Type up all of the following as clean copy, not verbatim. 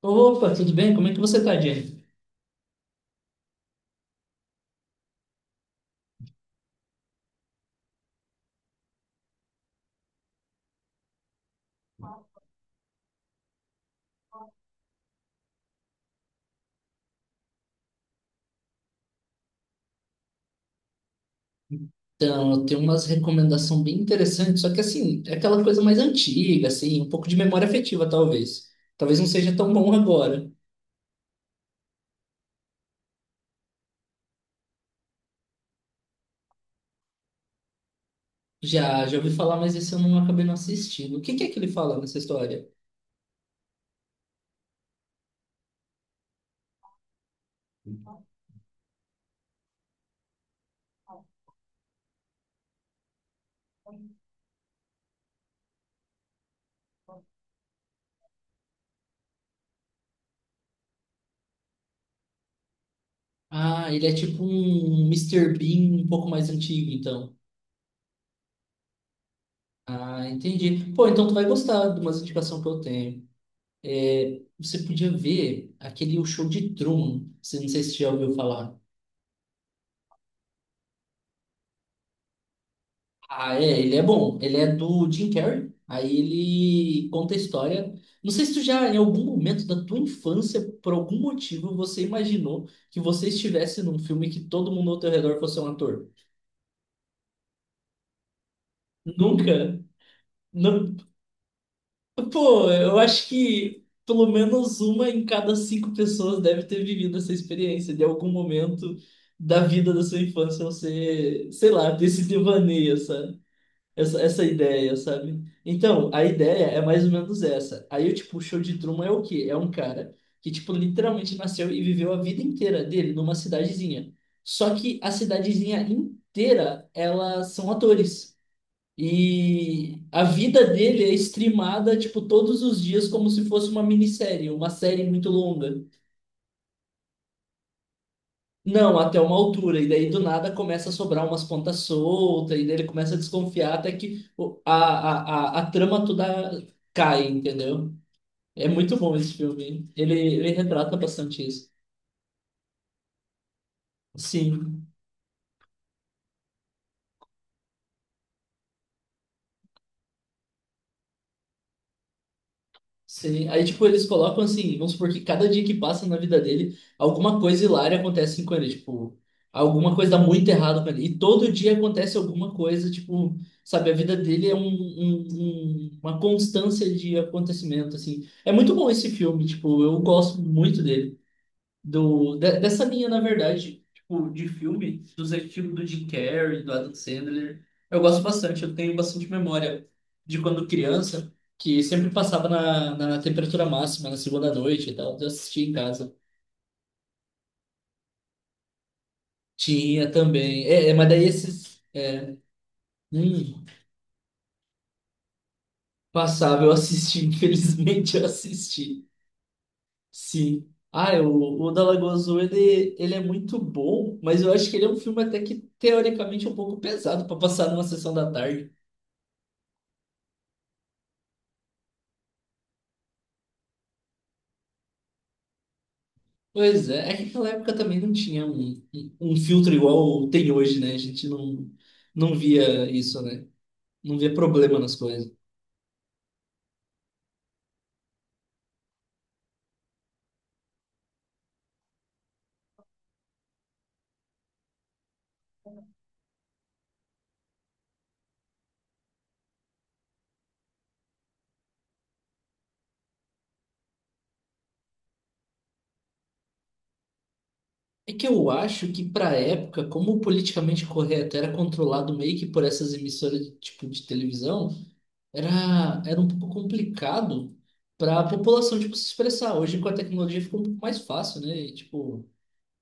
Opa, tudo bem? Como é que você tá, Jenny? Então, eu tenho umas recomendações bem interessantes, só que assim, é aquela coisa mais antiga, assim, um pouco de memória afetiva, talvez. Talvez não seja tão bom agora. Já, já ouvi falar, mas esse eu não acabei não assistindo. O que que é que ele fala nessa história? Ah, ele é tipo um Mister Bean um pouco mais antigo, então. Ah, entendi. Pô, então tu vai gostar de umas indicações que eu tenho. É, você podia ver aquele O Show de Truman, se não sei se você já ouviu falar. Ah, é, ele é bom. Ele é do Jim Carrey. Aí ele conta a história. Não sei se tu já, em algum momento da tua infância, por algum motivo, você imaginou que você estivesse num filme que todo mundo ao teu redor fosse um ator. Nunca. Não. Pô, eu acho que pelo menos uma em cada cinco pessoas deve ter vivido essa experiência de algum momento da vida da sua infância, você, sei lá, ter esse devaneio, sabe? Essa ideia, sabe? Então, a ideia é mais ou menos essa. Aí, eu, tipo, o show de Truman é o quê? É um cara que, tipo, literalmente nasceu e viveu a vida inteira dele numa cidadezinha. Só que a cidadezinha inteira, elas são atores. E a vida dele é streamada, tipo, todos os dias como se fosse uma minissérie, uma série muito longa. Não, até uma altura, e daí do nada começa a sobrar umas pontas soltas, e daí ele começa a desconfiar até que a trama toda cai, entendeu? É muito bom esse filme. Ele retrata bastante isso. Sim. Sim, aí tipo, eles colocam assim, vamos supor que cada dia que passa na vida dele, alguma coisa hilária acontece com ele, tipo, alguma coisa dá muito errado com ele. E todo dia acontece alguma coisa, tipo, sabe, a vida dele é uma constância de acontecimento, assim. É muito bom esse filme, tipo, eu gosto muito dele dessa linha, na verdade, tipo, de filme, dos estilos do Jim Carrey, do Adam Sandler. Eu gosto bastante, eu tenho bastante memória de quando criança, que sempre passava na temperatura máxima, na segunda noite e tal, eu assistia em casa. Tinha também. É, mas daí esses. Hum, passava, eu assisti, infelizmente eu assisti. Sim. Ah, é, o da Lagoa Azul, ele é muito bom, mas eu acho que ele é um filme até que teoricamente é um pouco pesado para passar numa sessão da tarde. Pois é, é que naquela época também não tinha um filtro igual tem hoje, né? A gente não via isso, né? Não via problema nas coisas. É que eu acho que pra época, como o politicamente correto era controlado meio que por essas emissoras de, tipo de televisão, era um pouco complicado pra população tipo se expressar. Hoje com a tecnologia ficou um pouco mais fácil, né? E, tipo,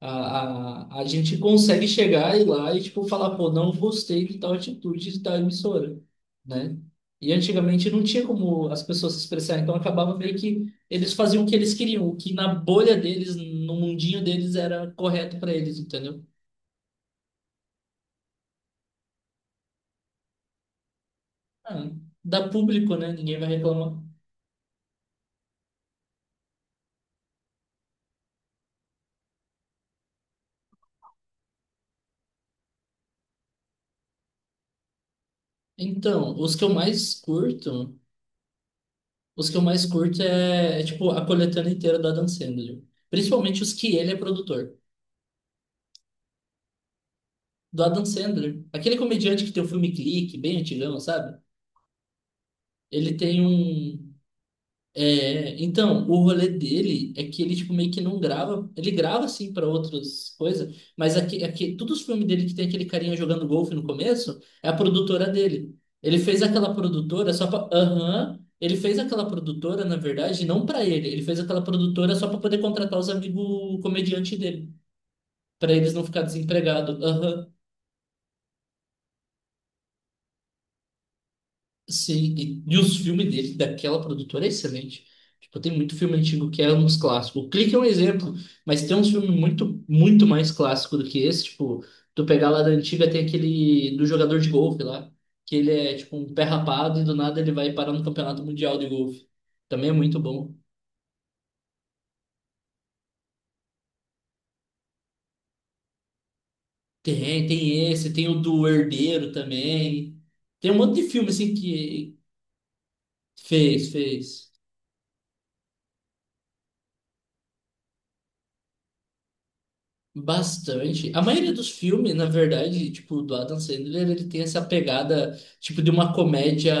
a gente consegue chegar e lá e tipo falar, pô, não gostei de tal atitude de tal emissora, né? E antigamente não tinha como as pessoas se expressar, então acabava meio que eles faziam o que eles queriam, o que na bolha deles, no mundinho deles era correto para eles, entendeu? Ah, dá público, né? Ninguém vai reclamar. Então, os que eu mais curto, os que eu mais curto é, é tipo a coletânea inteira do Adam Sandler, principalmente os que ele é produtor. Do Adam Sandler. Aquele comediante que tem o filme Clique, bem antigão, sabe? Ele tem um. É, então, o rolê dele é que ele, tipo, meio que não grava. Ele grava, assim, para outras coisas, mas aqui, todos os filmes dele que tem aquele carinha jogando golfe no começo é a produtora dele. Ele fez aquela produtora só pra. Aham. Ele fez aquela produtora, na verdade, não pra ele. Ele fez aquela produtora só pra poder contratar os amigos comediantes dele. Pra eles não ficar desempregados. Sim, e, os filmes dele, daquela produtora, é excelente. Tipo, tem muito filme antigo que é uns clássicos. O Clique é um exemplo, mas tem uns filmes muito, muito mais clássicos do que esse. Tipo, tu pegar lá da antiga, tem aquele do jogador de golfe lá, que ele é tipo um pé rapado e do nada ele vai parar no Campeonato Mundial de Golfe. Também é muito bom. Tem esse, tem o do Herdeiro também. Tem um monte de filme assim que fez, fez. Bastante. A maioria dos filmes, na verdade, tipo, do Adam Sandler, ele tem essa pegada, tipo, de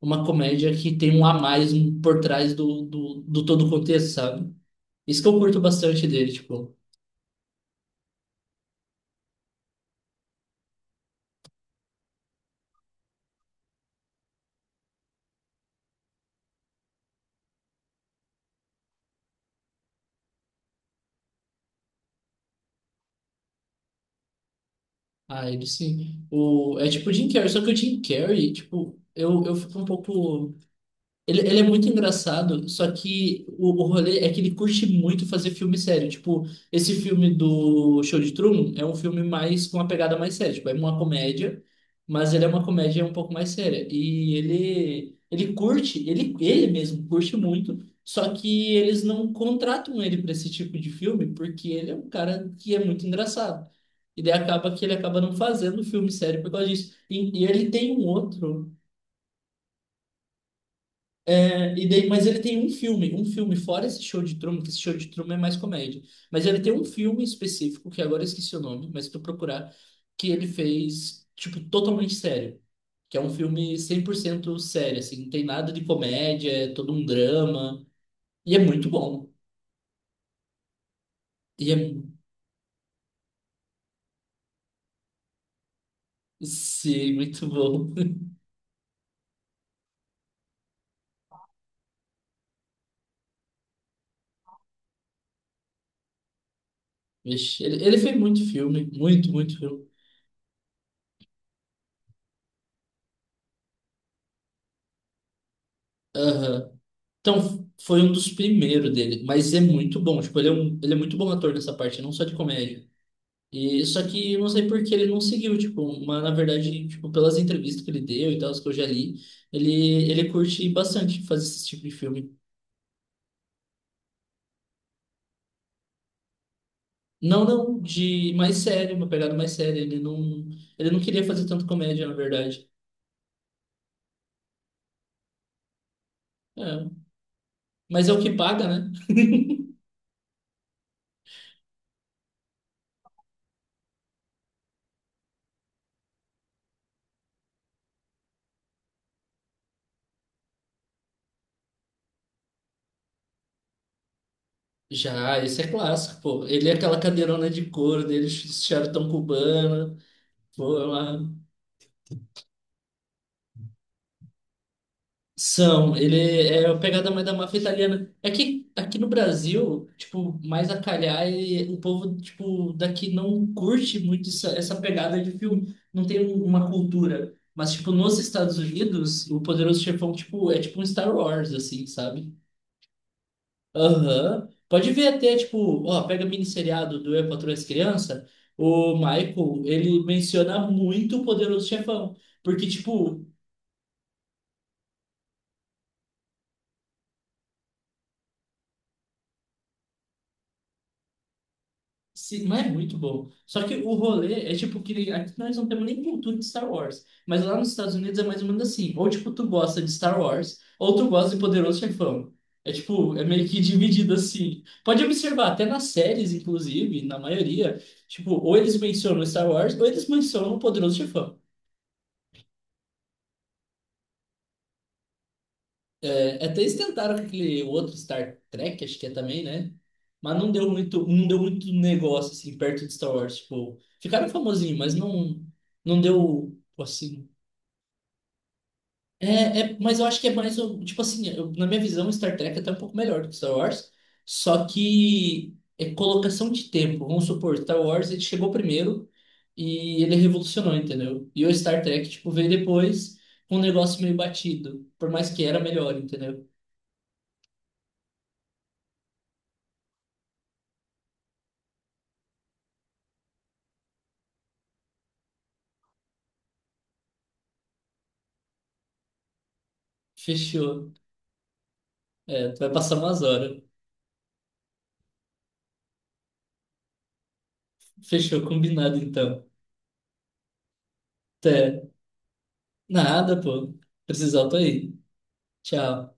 uma comédia que tem um a mais por trás do todo o contexto, sabe? Isso que eu curto bastante dele, tipo, ah, ele sim. O, é tipo o Jim Carrey, só que o Jim Carrey, tipo, eu fico um pouco. Ele é muito engraçado, só que o rolê é que ele curte muito fazer filme sério. Tipo, esse filme do Show de Truman é um filme mais com uma pegada mais séria. Tipo, é uma comédia, mas ele é uma comédia um pouco mais séria. E ele, ele mesmo curte muito, só que eles não contratam ele para esse tipo de filme, porque ele é um cara que é muito engraçado. E daí acaba que ele acaba não fazendo filme sério por causa disso. E ele tem um outro. E daí, mas ele tem um filme fora esse show de Truman, que esse show de Truman é mais comédia. Mas ele tem um filme específico, que agora eu esqueci o nome, mas se tu procurar, que ele fez, tipo, totalmente sério. Que é um filme 100% sério, assim, não tem nada de comédia, é todo um drama. E é muito bom. E é, sim, muito bom. Vixe, ele fez muito filme, muito, muito filme. Aham. Então, foi um dos primeiros dele, mas é muito bom. Tipo, ele é muito bom ator nessa parte, não só de comédia. E só que eu não sei por que ele não seguiu, tipo, mas na verdade, tipo, pelas entrevistas que ele deu e tal, as que eu já li, ele curte bastante fazer esse tipo de filme. Não, de mais sério, uma pegada mais séria. Ele não queria fazer tanto comédia, na verdade. É, mas é o que paga, né? Já, esse é clássico, pô. Ele é aquela cadeirona de couro dele, charutão cubano, pô, é uma. São, ele é a pegada mais da máfia italiana. É que aqui no Brasil, tipo, mais a calhar, e o povo, tipo, daqui não curte muito essa pegada de filme. Não tem uma cultura. Mas, tipo, nos Estados Unidos, o Poderoso Chefão, tipo, é tipo um Star Wars, assim, sabe? Aham. Pode ver até, tipo, ó, pega minisseriado do Eu, Patroa e as Crianças, o Michael, ele menciona muito o Poderoso Chefão. Porque, tipo, sim, mas é muito bom. Só que o rolê é tipo que nem- aqui nós não temos nem cultura de Star Wars. Mas lá nos Estados Unidos é mais ou menos assim. Ou tipo, tu gosta de Star Wars, ou tu gosta de Poderoso Chefão. É tipo, é meio que dividido assim. Pode observar, até nas séries, inclusive, na maioria, tipo, ou eles mencionam Star Wars, ou eles mencionam o Poderoso Chefão. É, até eles tentaram com aquele outro Star Trek, acho que é também, né? Mas não deu muito negócio, assim, perto de Star Wars. Tipo, ficaram famosinhos, mas não, não deu, assim... É, é, mas eu acho que é mais, tipo assim, na minha visão, Star Trek é até um pouco melhor do que Star Wars. Só que é colocação de tempo. Vamos supor, Star Wars, ele chegou primeiro e ele revolucionou, entendeu? E o Star Trek, tipo, veio depois com um negócio meio batido. Por mais que era melhor, entendeu? Fechou. É, tu vai passar umas horas. Fechou, combinado então. Até. Nada, pô. Precisar, eu tô aí. Tchau.